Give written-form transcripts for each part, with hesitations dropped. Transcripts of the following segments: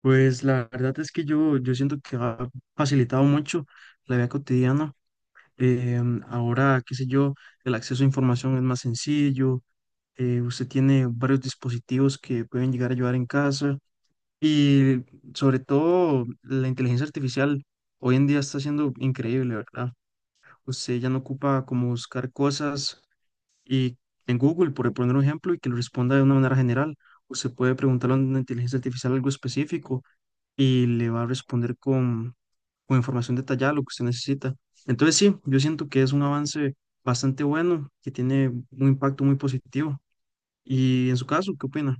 Pues la verdad es que yo siento que ha facilitado mucho la vida cotidiana. Ahora, qué sé yo, el acceso a información es más sencillo. Usted tiene varios dispositivos que pueden llegar a ayudar en casa. Y sobre todo, la inteligencia artificial hoy en día está siendo increíble, ¿verdad? Usted ya no ocupa como buscar cosas y en Google, por poner un ejemplo, y que lo responda de una manera general. Usted puede preguntarle a una inteligencia artificial algo específico y le va a responder con información detallada lo que usted necesita. Entonces sí, yo siento que es un avance bastante bueno, que tiene un impacto muy positivo. Y en su caso, ¿qué opina?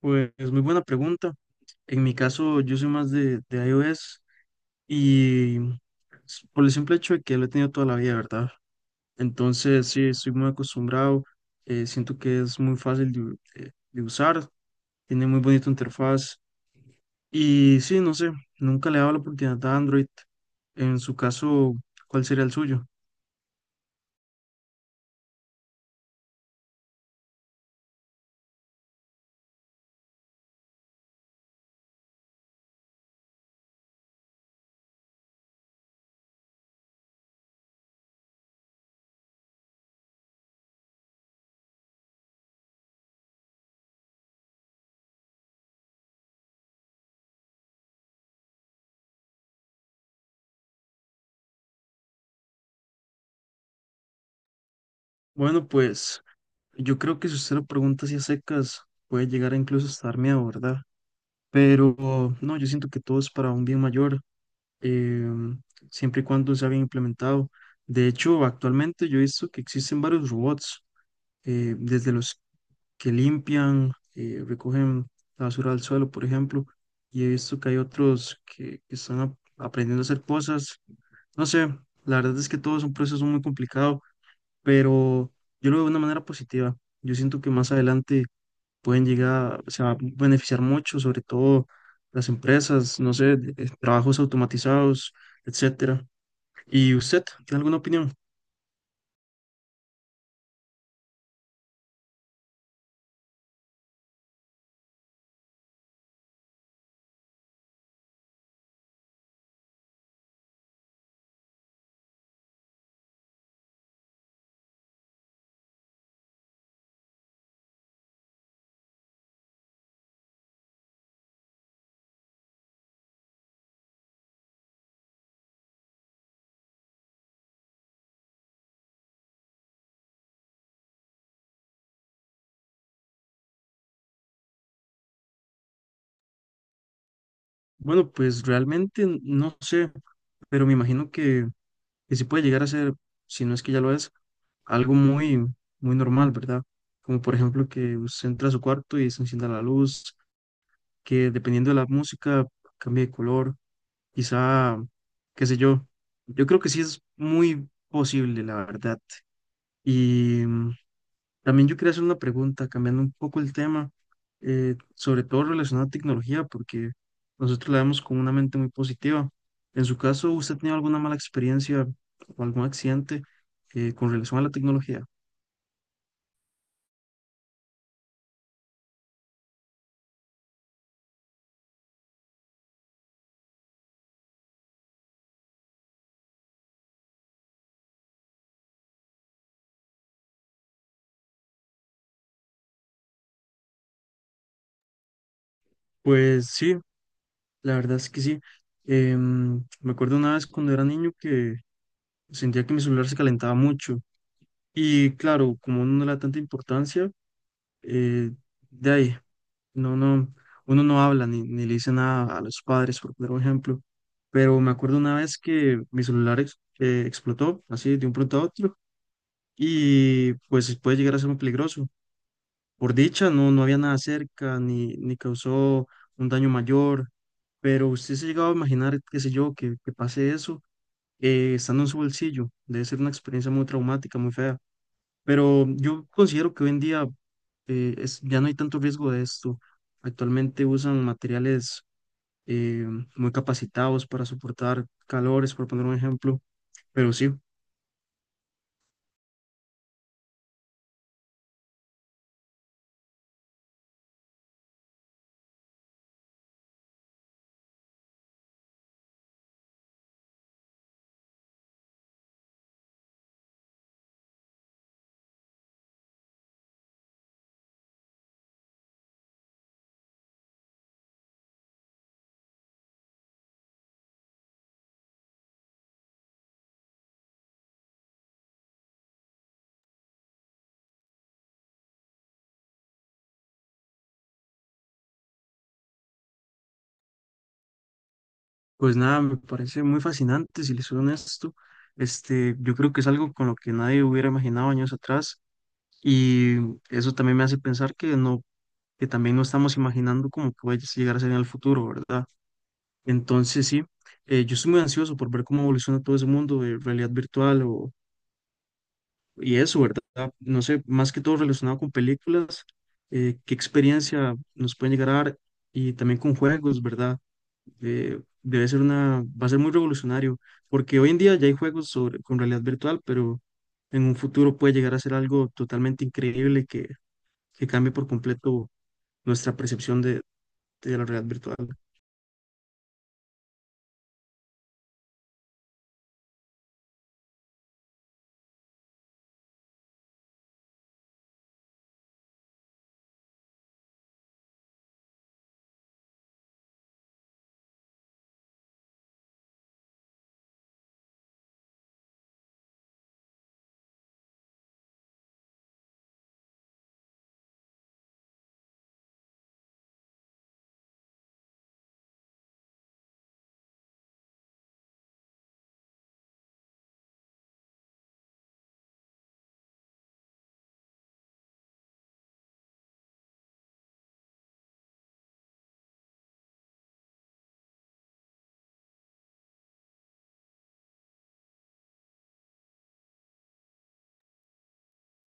Pues es muy buena pregunta. En mi caso, yo soy más de iOS y por el simple hecho de que lo he tenido toda la vida, ¿verdad? Entonces, sí, estoy muy acostumbrado, siento que es muy fácil de usar, tiene muy bonita interfaz. Y sí, no sé, nunca le he dado la oportunidad a Android. En su caso, ¿cuál sería el suyo? Bueno, pues yo creo que si usted lo pregunta así a secas, puede llegar a incluso hasta dar miedo, ¿verdad? Pero no, yo siento que todo es para un bien mayor, eh, siempre y cuando sea bien implementado. De hecho, actualmente yo he visto que existen varios robots, desde los que limpian, recogen la basura del suelo, por ejemplo, y he visto que hay otros que están aprendiendo a hacer cosas. No sé, la verdad es que todo es un proceso muy complicado, pero yo lo veo de una manera positiva. Yo siento que más adelante pueden llegar, se va a beneficiar mucho, sobre todo las empresas, no sé, trabajos automatizados, etcétera. ¿Y usted tiene alguna opinión? Bueno, pues realmente no sé, pero me imagino que sí puede llegar a ser, si no es que ya lo es, algo muy normal, ¿verdad? Como por ejemplo que usted entra a su cuarto y se encienda la luz que dependiendo de la música cambie de color, quizá, qué sé yo. Yo creo que sí es muy posible, la verdad. Y también yo quería hacer una pregunta, cambiando un poco el tema, sobre todo relacionado a tecnología, porque nosotros la vemos con una mente muy positiva. En su caso, ¿usted ha tenido alguna mala experiencia o algún accidente con relación a la tecnología? Pues sí, la verdad es que sí. Me acuerdo una vez cuando era niño que sentía que mi celular se calentaba mucho. Y claro, como uno no le da tanta importancia, eh, de ahí, no, no, uno no habla ni le dice nada a los padres, por poner un ejemplo. Pero me acuerdo una vez que mi celular explotó así de un pronto a otro y pues puede llegar a ser muy peligroso. Por dicha, no, no había nada cerca, ni causó un daño mayor, pero usted se ha llegado a imaginar, qué sé yo, que pase eso estando en su bolsillo. Debe ser una experiencia muy traumática, muy fea. Pero yo considero que hoy en día ya no hay tanto riesgo de esto. Actualmente usan materiales eh, muy capacitados para soportar calores, por poner un ejemplo. Pero sí. Pues nada, me parece muy fascinante, si les soy honesto. Este, yo creo que es algo con lo que nadie hubiera imaginado años atrás y eso también me hace pensar que no, que también no estamos imaginando cómo puede llegar a ser en el futuro, ¿verdad? Entonces sí, yo estoy muy ansioso por ver cómo evoluciona todo ese mundo de realidad virtual y eso, ¿verdad? No sé, más que todo relacionado con películas, qué experiencia nos pueden llegar a dar y también con juegos, ¿verdad? Va a ser muy revolucionario, porque hoy en día ya hay juegos con realidad virtual, pero en un futuro puede llegar a ser algo totalmente increíble que cambie por completo nuestra percepción de la realidad virtual.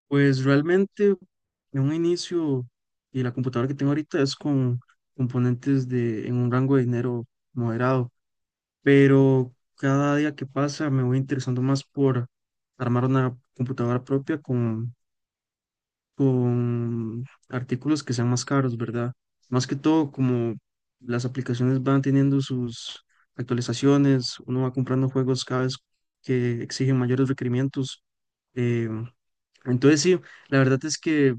Pues realmente en un inicio y la computadora que tengo ahorita es con componentes en un rango de dinero moderado, pero cada día que pasa me voy interesando más por armar una computadora propia con artículos que sean más caros, ¿verdad? Más que todo, como las aplicaciones van teniendo sus actualizaciones, uno va comprando juegos cada vez que exigen mayores requerimientos. eh, entonces, sí, la verdad es que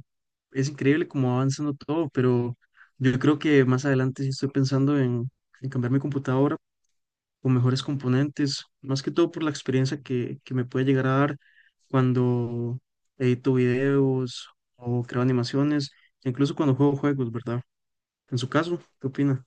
es increíble cómo va avanzando todo, pero yo creo que más adelante sí estoy pensando en cambiar mi computadora o mejores componentes, más que todo por la experiencia que me puede llegar a dar cuando edito videos o creo animaciones, incluso cuando juego juegos, ¿verdad? En su caso, ¿qué opina?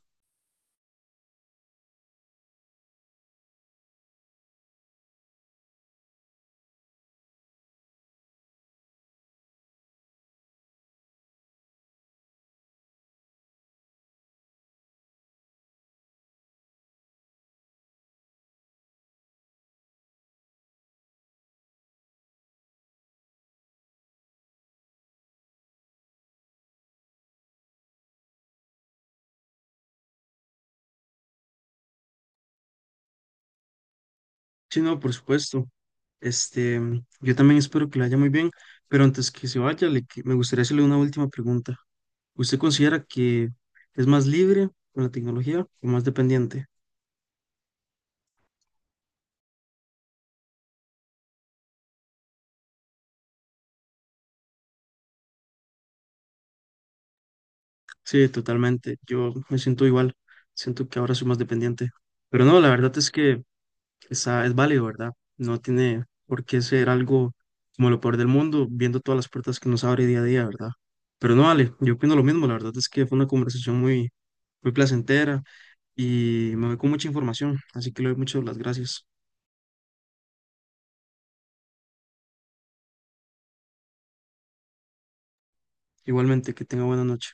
Sí, no, por supuesto. Este, yo también espero que le vaya muy bien, pero antes que se vaya, me gustaría hacerle una última pregunta. ¿Usted considera que es más libre con la tecnología o más dependiente? Sí, totalmente. Yo me siento igual. Siento que ahora soy más dependiente. Pero no, la verdad es que es válido, ¿verdad? No tiene por qué ser algo como lo peor del mundo, viendo todas las puertas que nos abre día a día, ¿verdad? Pero no vale, yo opino lo mismo, la verdad es que fue una conversación muy placentera y me voy con mucha información, así que le doy muchas las gracias. Igualmente, que tenga buena noche.